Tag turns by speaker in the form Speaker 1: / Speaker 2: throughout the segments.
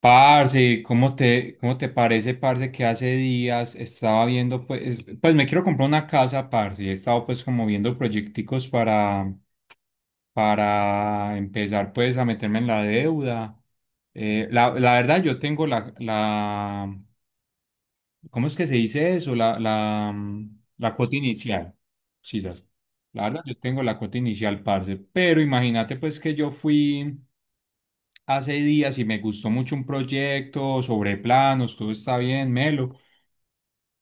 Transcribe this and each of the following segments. Speaker 1: Parce, cómo te parece, parce? Que hace días estaba viendo, pues, me quiero comprar una casa, parce, y he estado pues como viendo proyecticos para empezar pues a meterme en la deuda. La verdad, yo tengo ¿cómo es que se dice eso? La cuota inicial, sí. La verdad, yo tengo la cuota inicial, parce, pero imagínate pues que yo fui hace días y me gustó mucho un proyecto sobre planos, todo está bien, melo.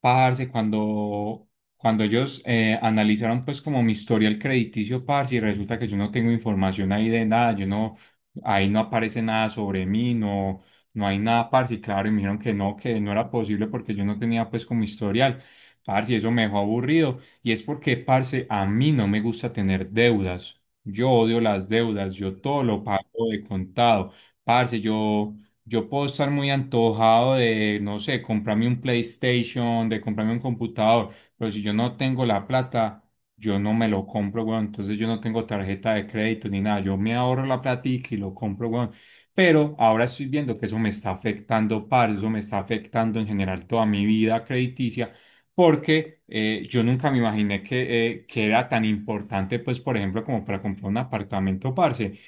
Speaker 1: Parce, cuando, Cuando ellos analizaron pues como mi historial crediticio, parce, y resulta que yo no tengo información ahí de nada, yo no, Ahí no aparece nada sobre mí, no hay nada, parce, y claro, y me dijeron que no era posible porque yo no tenía pues como historial, parce, y eso me dejó aburrido. Y es porque, parce, a mí no me gusta tener deudas, yo odio las deudas, yo todo lo pago de contado, parce, yo... Yo puedo estar muy antojado de, no sé, comprarme un PlayStation, de comprarme un computador, pero si yo no tengo la plata, yo no me lo compro, weón. Entonces yo no tengo tarjeta de crédito ni nada. Yo me ahorro la platica y lo compro, weón. Pero ahora estoy viendo que eso me está afectando, par, eso me está afectando en general toda mi vida crediticia, porque yo nunca me imaginé que era tan importante, pues, por ejemplo, como para comprar un apartamento, parce,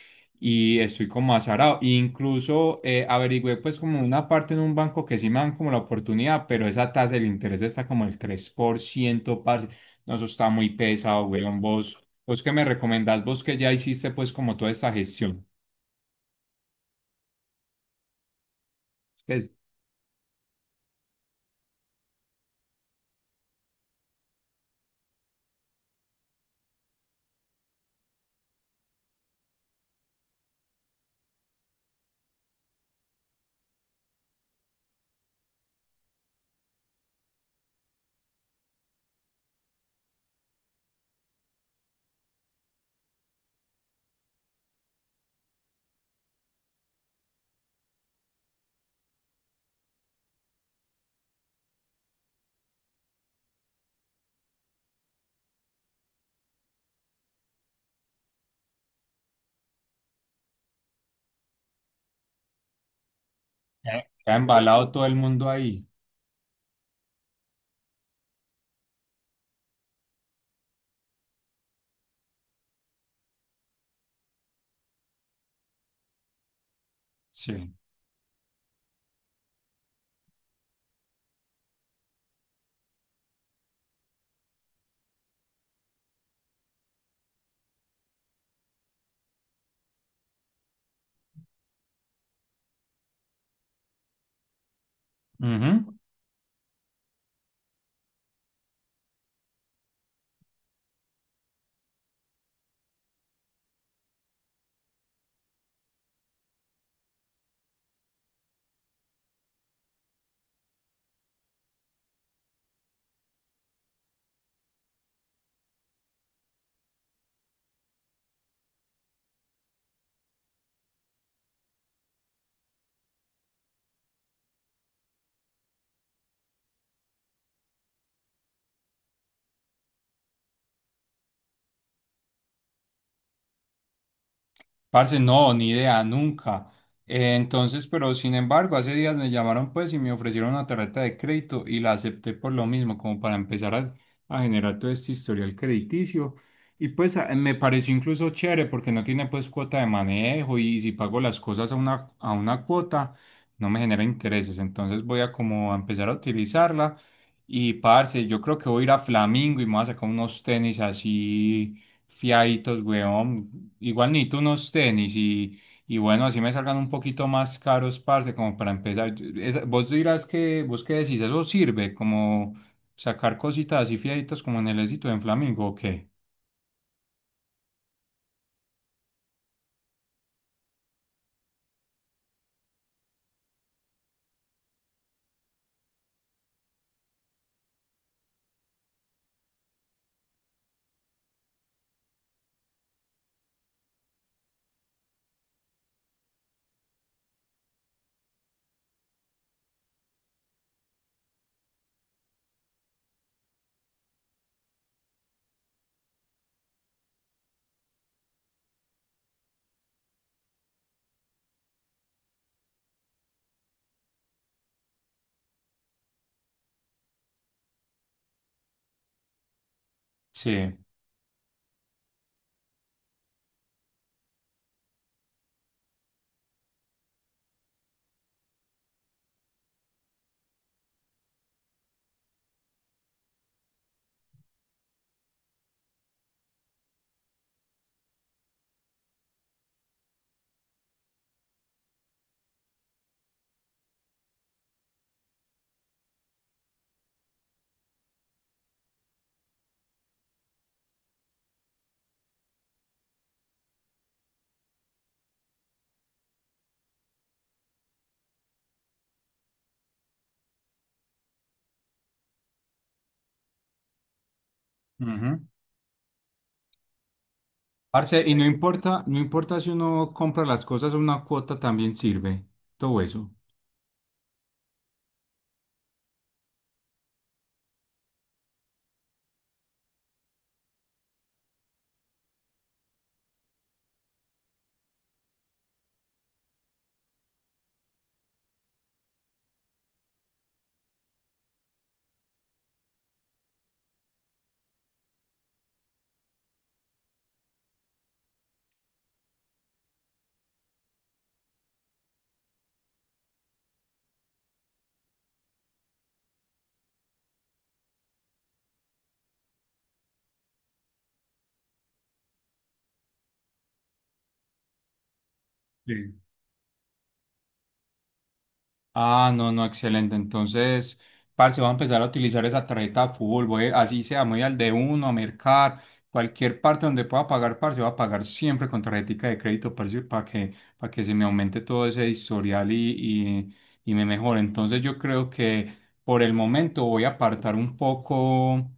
Speaker 1: y estoy como azarado. E incluso averigüé pues como una parte en un banco que sí me dan como la oportunidad, pero esa tasa del interés está como el tres por ciento, parce. No, eso está muy pesado, weón. Vos que me recomendás, vos que ya hiciste pues como toda esa gestión. Es que está embalado todo el mundo ahí. Sí. Ujú. Parce, no, ni idea, nunca. Entonces, pero sin embargo, hace días me llamaron pues y me ofrecieron una tarjeta de crédito y la acepté por lo mismo, como para empezar a generar todo este historial crediticio. Y pues a- me pareció incluso chévere porque no tiene pues cuota de manejo y si pago las cosas a a una cuota, no me genera intereses. Entonces voy a como a empezar a utilizarla. Y parce, yo creo que voy a ir a Flamingo y me voy a sacar unos tenis así fiaditos, weón. Igual ni tú unos y bueno, así me salgan un poquito más caros, parce, como para empezar. Yo- esa- vos dirás que, vos qué decís, eso sirve como sacar cositas así fiaditos como en el éxito en Flamingo, ¿o qué? Sí. Ujú. Parce, y no importa, no importa si uno compra las cosas a una cuota, también sirve todo eso. Sí. Ah, no, no, excelente. Entonces, parce, voy a empezar a utilizar esa tarjeta de fútbol. Voy, así sea, me voy al de uno, a Mercar, cualquier parte donde pueda pagar, parce, voy a pagar siempre con tarjetica de crédito, parce, para para que se me aumente todo ese y me mejore. Entonces, yo creo que por el momento voy a apartar un poco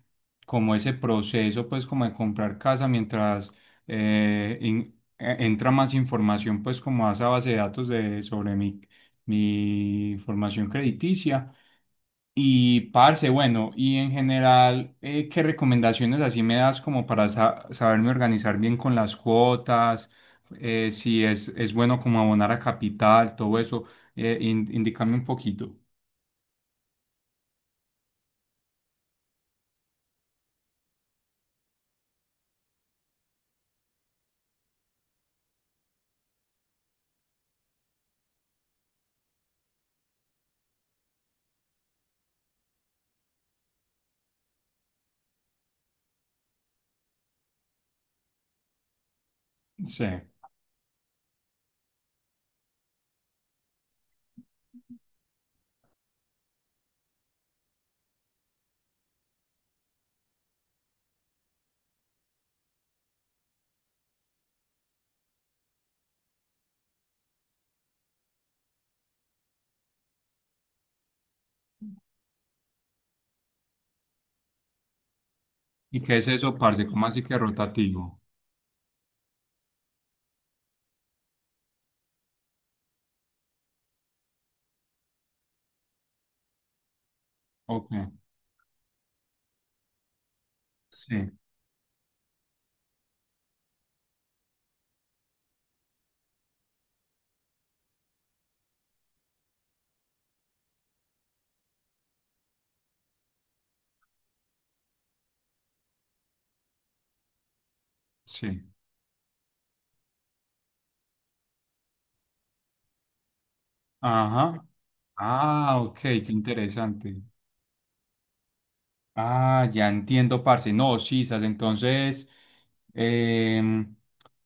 Speaker 1: como ese proceso, pues, como de comprar casa mientras entra más información, pues, como a esa base de datos sobre mí mi formación crediticia. Y parce, bueno, y en general, ¿qué recomendaciones así me das como para sa- saberme organizar bien con las cuotas? Si es, Es bueno como abonar a capital, todo eso, indícame un poquito. Sí. ¿Y qué es eso, parce? ¿Cómo así que rotativo? Ok, sí, sí. Ajá. Ah, ok, qué interesante. Ah, ya entiendo, parce. No, sí, sas, entonces, em,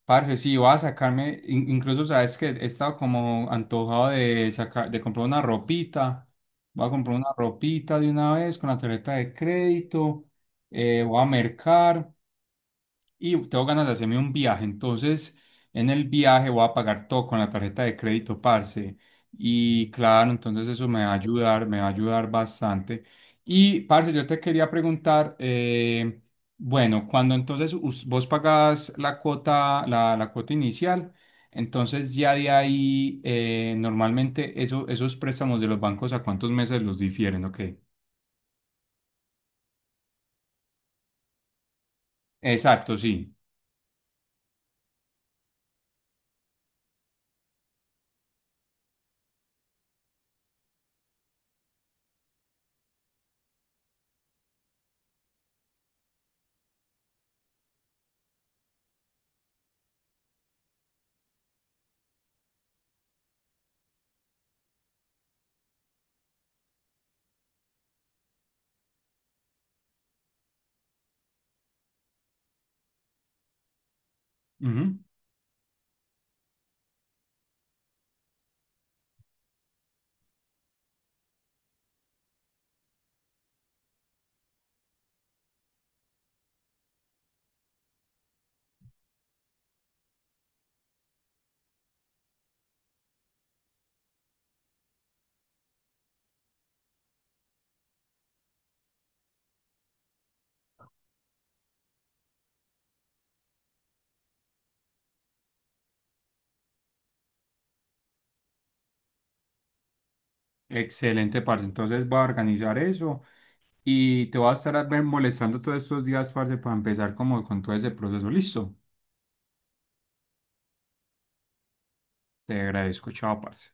Speaker 1: parce, sí, voy a incluso sabes que he estado como antojado de sacar, de comprar una ropita. Voy a comprar una ropita de una vez con la tarjeta de crédito. Eh, voy a mercar y tengo ganas de hacerme un viaje. Entonces, en el viaje voy a pagar todo con la tarjeta de crédito, parce. Y claro, entonces eso me va a ayudar, me va a ayudar bastante. Y, parce, yo te quería preguntar, bueno, cuando entonces us- vos pagás la cuota, la cuota inicial, entonces ya de ahí, normalmente eso, esos préstamos de los bancos, ¿a cuántos meses los difieren? Ok. Exacto, sí. Ujú. Excelente, parce. Entonces voy a organizar eso. Y te voy a estar a ver molestando todos estos días, parce, para empezar como con todo ese proceso. Listo. Te agradezco. Chao, parce.